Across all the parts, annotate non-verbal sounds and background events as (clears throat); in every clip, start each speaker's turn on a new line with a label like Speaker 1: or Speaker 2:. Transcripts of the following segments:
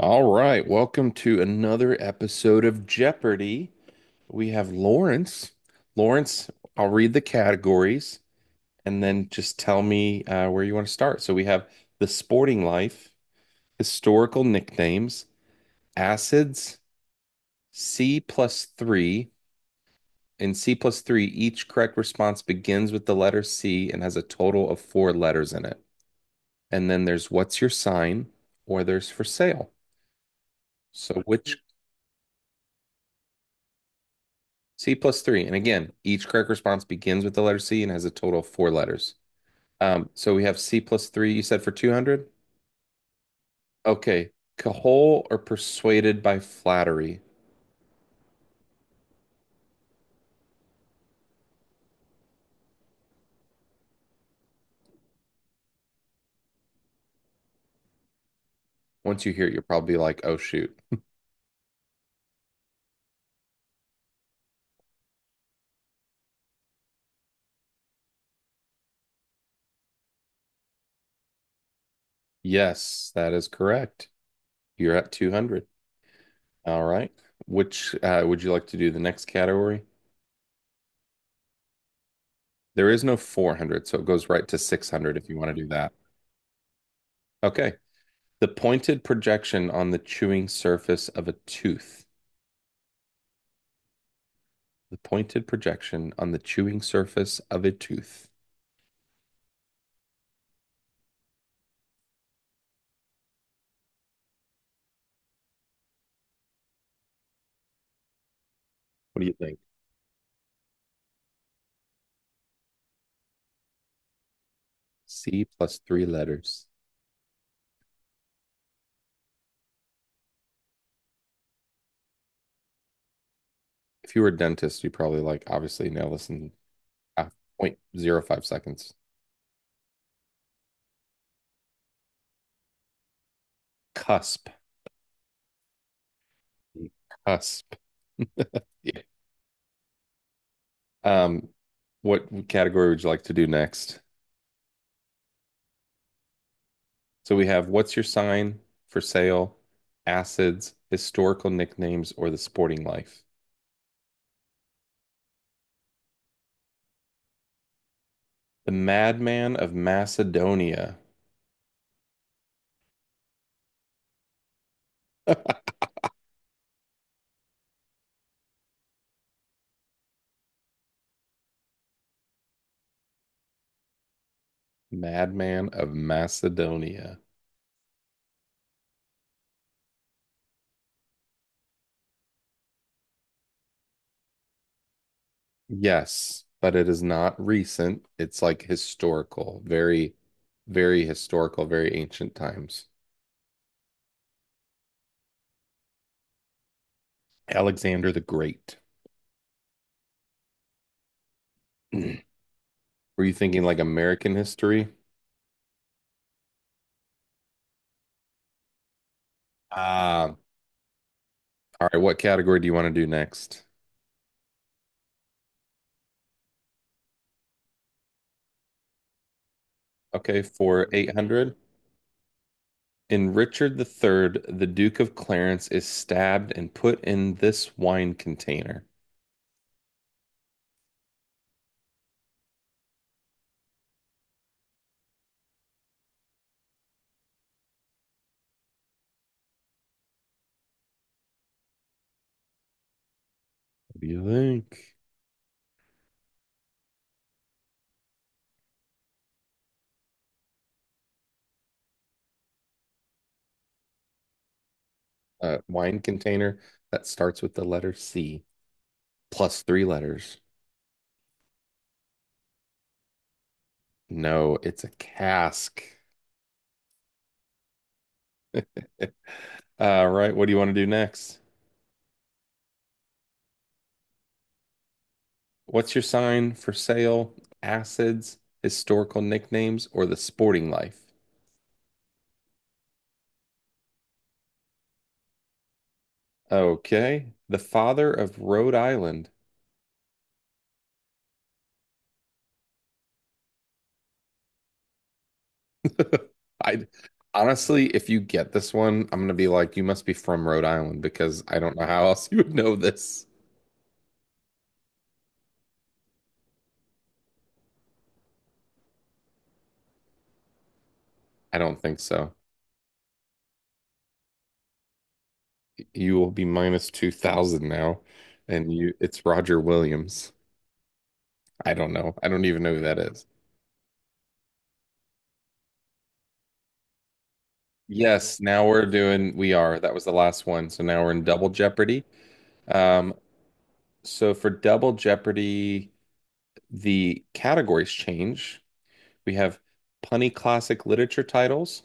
Speaker 1: All right, welcome to another episode of Jeopardy. We have Lawrence. Lawrence, I'll read the categories and then just tell me where you want to start. So we have the sporting life, historical nicknames, acids, C plus three, and C plus three. Each correct response begins with the letter C and has a total of four letters in it. And then there's what's your sign, or there's for sale. So which C plus three. And again, each correct response begins with the letter C and has a total of four letters. So we have C plus three, you said for 200? Okay. Cajole or persuaded by flattery? Once you hear it, you'll probably be like, oh, shoot. Yes, that is correct. You're at 200. All right. Which would you like to do the next category? There is no 400, so it goes right to 600 if you want to do that. Okay. The pointed projection on the chewing surface of a tooth. The pointed projection on the chewing surface of a tooth. What do you think? C plus three letters. If you were a dentist, you probably like obviously nail this in 0.0 0.05 seconds. Cusp. Cusp. (laughs) Yeah. Um, what category would you like to do next? So we have what's your sign for sale, acids, historical nicknames, or the sporting life? The madman of Macedonia. (laughs) Madman of Macedonia. Yes, but it is not recent. It's like historical, very, very historical, very ancient times. Alexander the Great. (clears throat) Were you thinking like American history? Ah, all right. What category do you want to do next? Okay, for 800. In Richard the Third, the Duke of Clarence is stabbed and put in this wine container. What do you think? A wine container that starts with the letter C plus three letters. No, it's a cask. Right. What do you want to do next? What's your sign for sale? Acids, historical nicknames, or the sporting life? Okay. The father of Rhode Island. (laughs) I honestly, if you get this one, I'm gonna be like, you must be from Rhode Island because I don't know how else you would know this. I don't think so. You will be minus 2,000 now, and you it's Roger Williams. I don't know. I don't even know who that is. Yes, now we're doing, we are. That was the last one. So now we're in Double Jeopardy. Um, so for Double Jeopardy, the categories change. We have punny classic literature titles,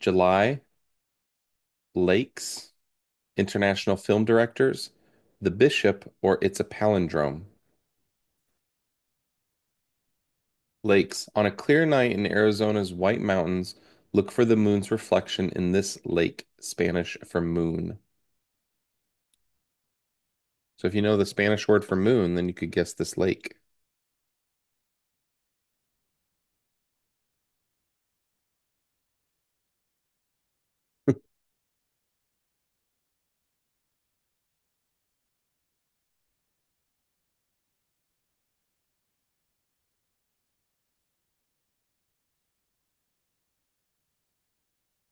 Speaker 1: July, Lakes, international film directors, The Bishop, or It's a Palindrome. Lakes. On a clear night in Arizona's White Mountains, look for the moon's reflection in this lake, Spanish for moon. So if you know the Spanish word for moon, then you could guess this lake.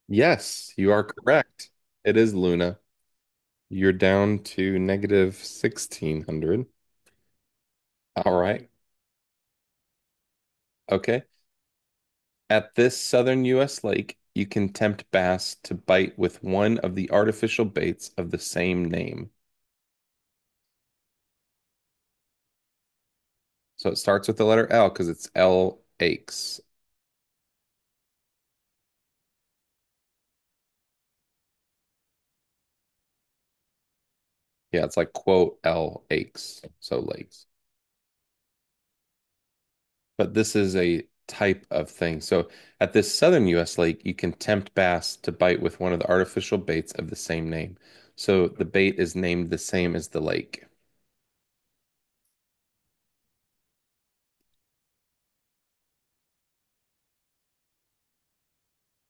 Speaker 1: Yes, you are correct. It is Luna. You're down to negative 1600. All right. Okay. At this southern U.S. lake, you can tempt bass to bite with one of the artificial baits of the same name. So it starts with the letter L because it's L aches. Yeah, it's like quote L aches. So lakes. But this is a type of thing. So at this southern U.S. lake, you can tempt bass to bite with one of the artificial baits of the same name. So the bait is named the same as the lake.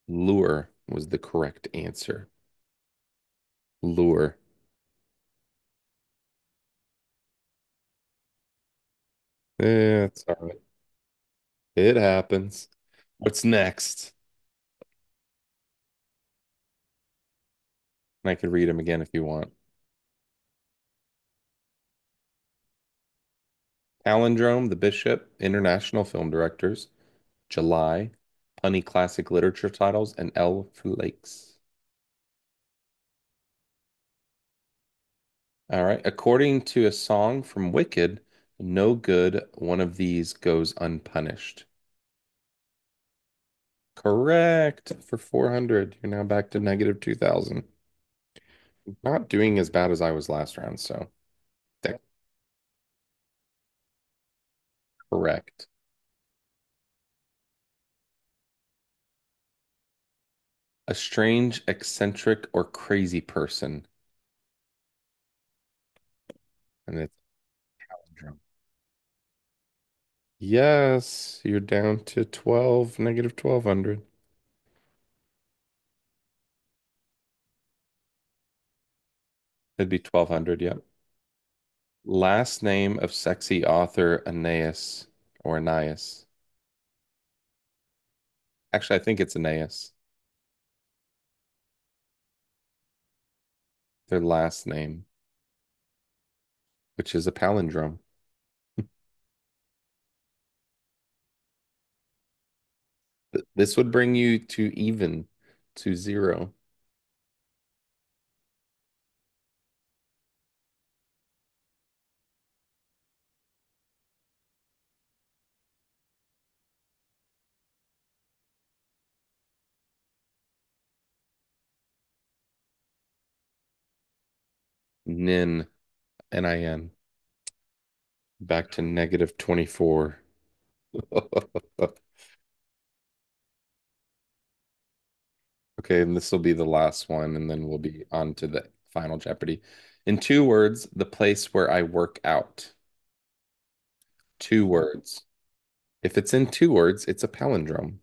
Speaker 1: Lure was the correct answer. Lure. Yeah, it's all right. It happens. What's next? And I could read them again if you want. Palindrome, The Bishop, International Film Directors, July, Punny Classic Literature Titles, and L for Lakes. All right. According to a song from Wicked, no good one of these goes unpunished. Correct for 400. You're now back to negative 2,000. Not doing as bad as I was last round, so that's correct. A strange, eccentric, or crazy person. And it's yes, you're down to 12, negative 1,200. It'd be 1,200, yep. Last name of sexy author Aeneas or Aeneas. Actually, I think it's Aeneas. Their last name, which is a palindrome. This would bring you to even to zero. Nin, Nin, back to negative 24. (laughs) Okay, and this will be the last one, and then we'll be on to the final Jeopardy. In two words, the place where I work out. Two words. If it's in two words, it's a palindrome.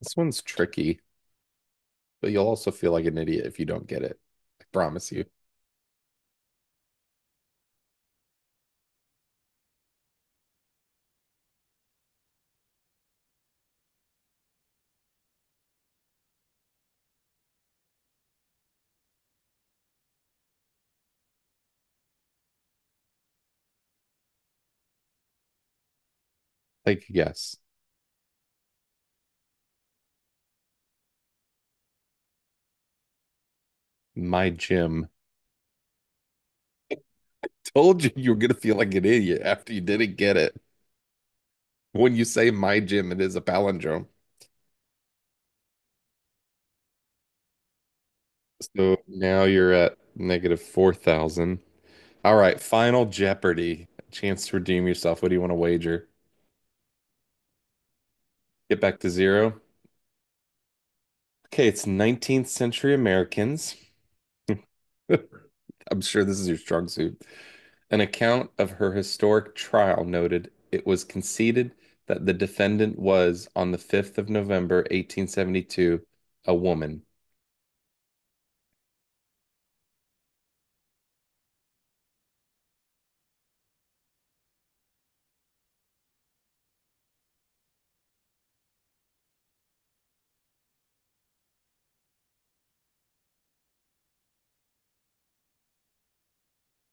Speaker 1: This one's tricky, but you'll also feel like an idiot if you don't get it. I promise you. Take a guess. My gym. Told you you were gonna feel like an idiot after you didn't get it. When you say my gym, it is a palindrome. So now you're at negative 4,000. All right, Final Jeopardy. Chance to redeem yourself. What do you want to wager? Get back to zero. Okay, it's 19th century Americans. (laughs) I'm sure this is your strong suit. An account of her historic trial noted it was conceded that the defendant was, on the 5th of November, 1872, a woman.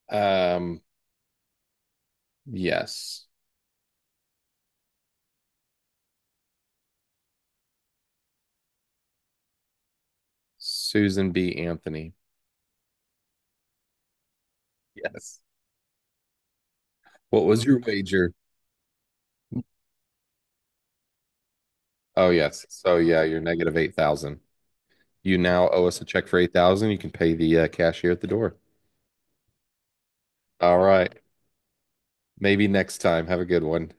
Speaker 1: Um, Yes. Susan B. Anthony. Yes. What was your wager? Oh, yes. So, yeah, you're negative 8,000. You now owe us a check for 8,000. You can pay the cashier at the door. All right. Maybe next time. Have a good one.